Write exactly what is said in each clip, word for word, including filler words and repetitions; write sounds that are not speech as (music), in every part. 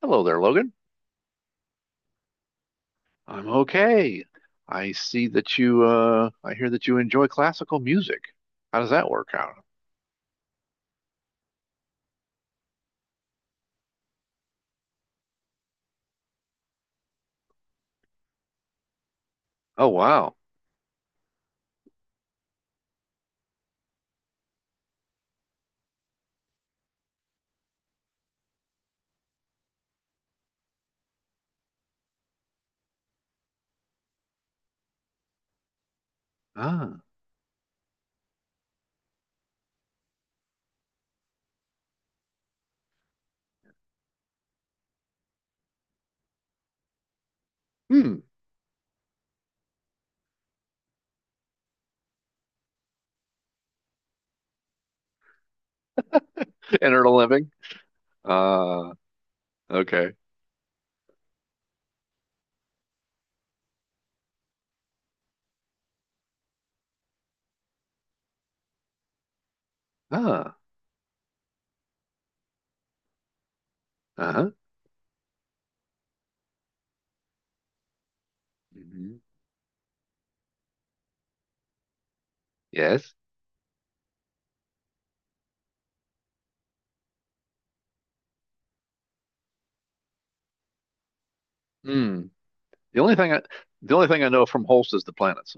Hello there, Logan. I'm okay. I see that you uh I hear that you enjoy classical music. How does that work out? Oh wow. Ah. Hmm. (laughs) And earn a living? Uh okay. Ah. Uh-huh. Hmm. Yes. Hmm. The only thing I the only thing I know from Holst is the planets.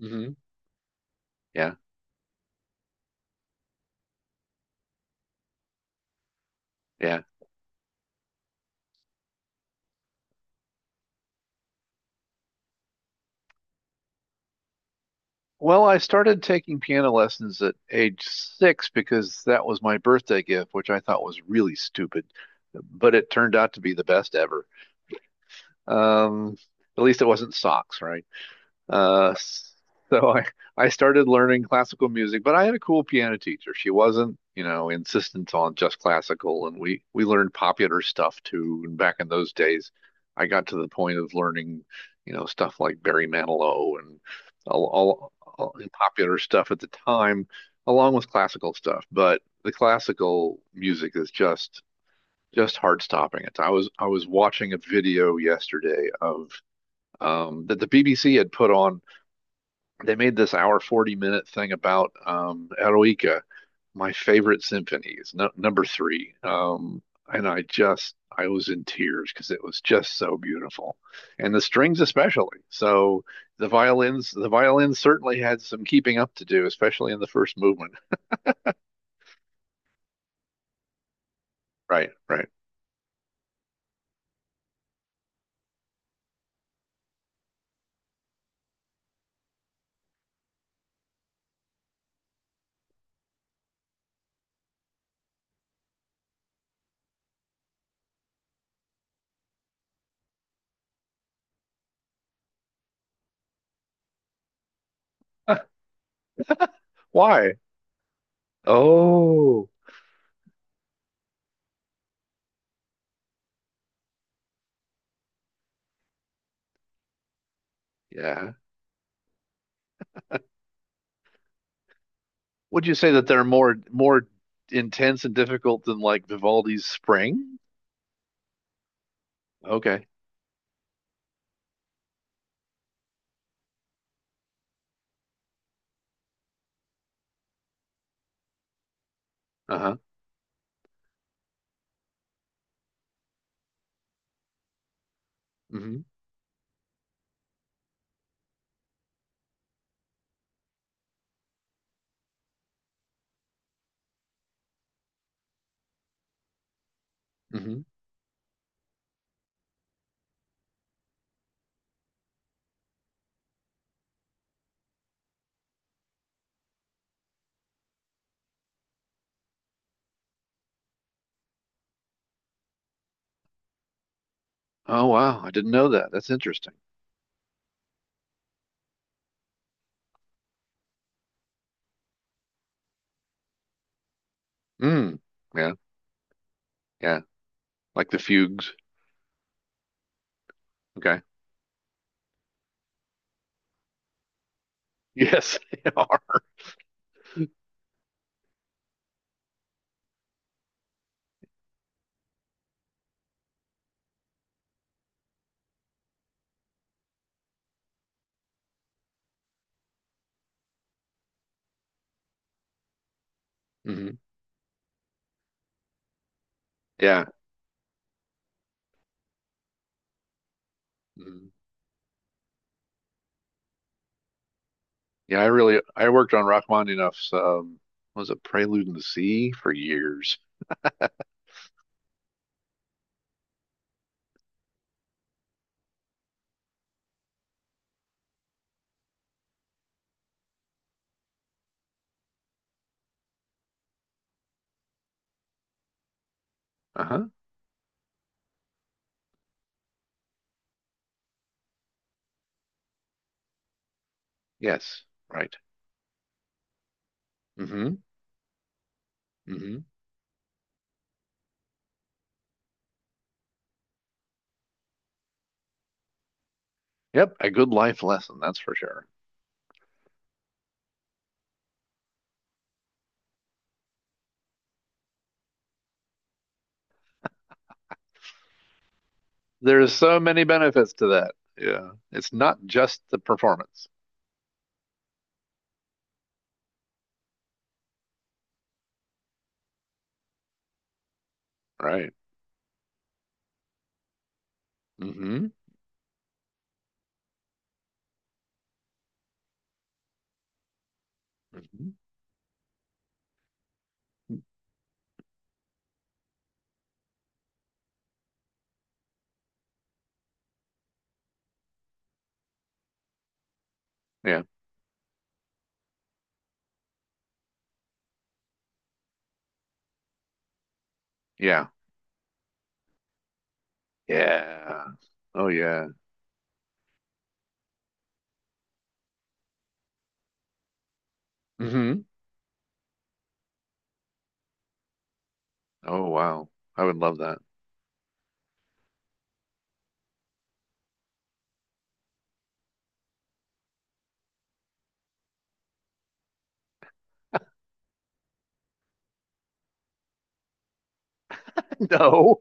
Hmm. Yeah. Yeah. Well, I started taking piano lessons at age six because that was my birthday gift, which I thought was really stupid, but it turned out to be the best ever. Um, at least it wasn't socks, right? Uh, so (laughs) I, I started learning classical music, but I had a cool piano teacher. She wasn't, you know, insistent on just classical, and we we learned popular stuff too. And back in those days, I got to the point of learning, you know, stuff like Barry Manilow and all, all, all the popular stuff at the time, along with classical stuff. But the classical music is just just heart stopping. It's I was I was watching a video yesterday of um, that the B B C had put on. They made this hour forty minute thing about um, Eroica, my favorite symphonies, no, number three. Um, and I just, I was in tears because it was just so beautiful. And the strings, especially. So the violins, the violins certainly had some keeping up to do, especially in the first movement. Right, right. (laughs) Why? Oh, yeah. Would you say that they're more more intense and difficult than like Vivaldi's Spring? Okay. Uh-huh. Mm-hmm. Hmm. Oh wow, I didn't know that. That's interesting. Mm. Yeah, yeah. Like the fugues. Okay. Yes, (laughs) they are. Hmm. Yeah. Mhm. Yeah, I really I worked on Rachmaninoff's um was it Prelude in the Sea for years. Uh-huh. Yes, right. Hmm. Hmm. Yep, a good life lesson, that's for sure. There's so many benefits to that. Yeah. It's not just the performance. Right. Hmm. Hmm. Yeah. Yeah. Yeah. Oh yeah. Mm-hmm. Oh, wow. I would love that. (laughs) No,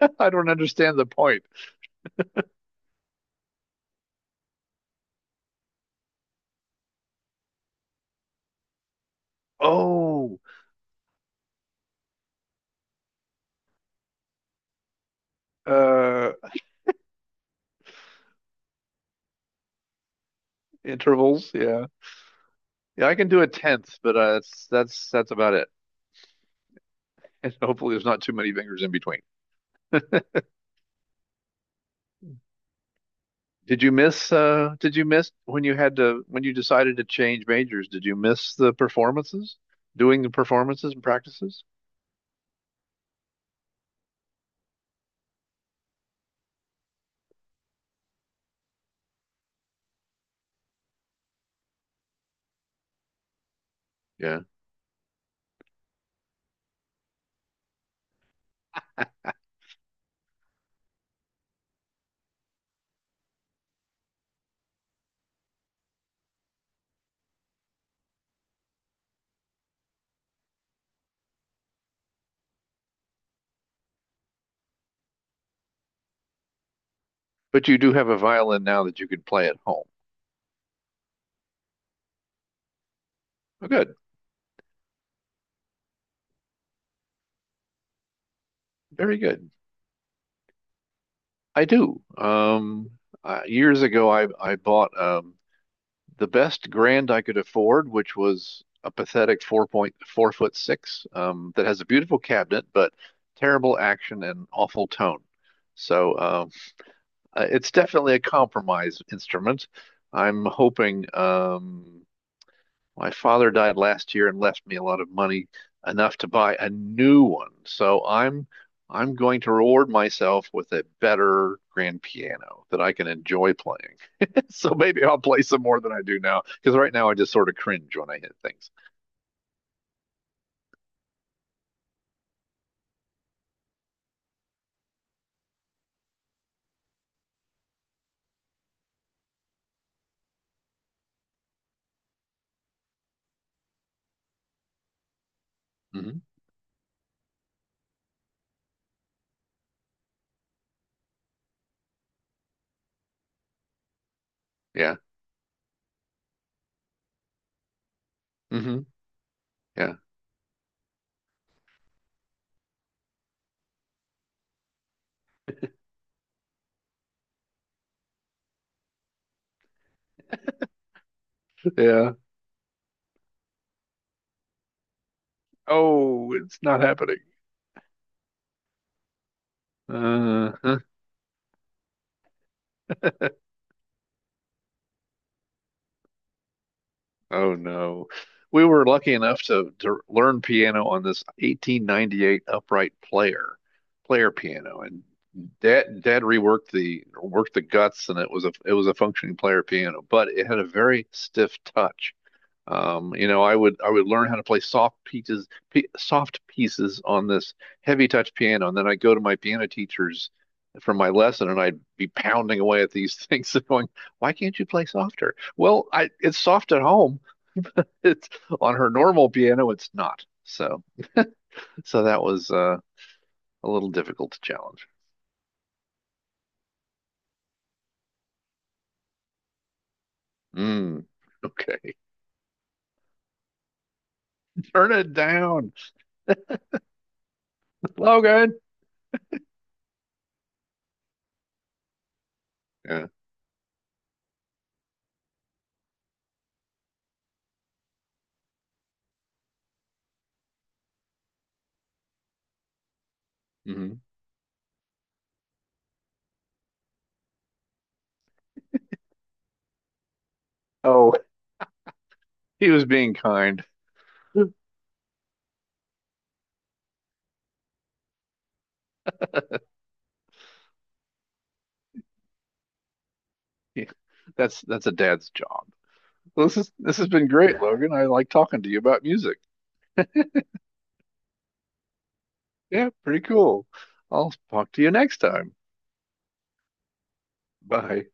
(laughs) I don't understand the point. Oh, uh, intervals. Yeah, yeah. I can do a tenth, but uh, that's that's that's about it. (laughs) And hopefully, there's not too many fingers in between. Did you miss? Uh, did you miss when you had to when you decided to change majors? Did you miss the performances, doing the performances and practices? Yeah. But you do have a violin now that you could play at home. Oh, good, very good. I do. Um, uh, years ago, I I bought um the best grand I could afford, which was a pathetic four point four foot six um, that has a beautiful cabinet but terrible action and awful tone. So um, uh, it's definitely a compromise instrument. I'm hoping, um, my father died last year and left me a lot of money, enough to buy a new one. So I'm I'm going to reward myself with a better grand piano that I can enjoy playing. (laughs) So maybe I'll play some more than I do now, because right now I just sort of cringe when I hit things. Hmm. Yeah. Hmm. Yeah. Yeah. Oh, it's not happening. Uh, (laughs) Oh no. We were lucky enough to to learn piano on this eighteen ninety-eight upright player, player piano. And dad dad reworked the worked the guts and it was a it was a functioning player piano, but it had a very stiff touch. Um, you know, I would I would learn how to play soft pieces p soft pieces on this heavy touch piano, and then I'd go to my piano teachers from my lesson, and I'd be pounding away at these (laughs) things, and going, "Why can't you play softer?" Well, I it's soft at home, it's on her normal piano, it's not. So, so that was uh, a little difficult to challenge. Mm, okay, (laughs) turn it down, Logan. Yeah. Hmm. Oh, he was being kind. (laughs) Yeah, that's that's a dad's job. Well, this is this has been great, Logan. I like talking to you about music. Yeah, pretty cool. I'll talk to you next time. Bye.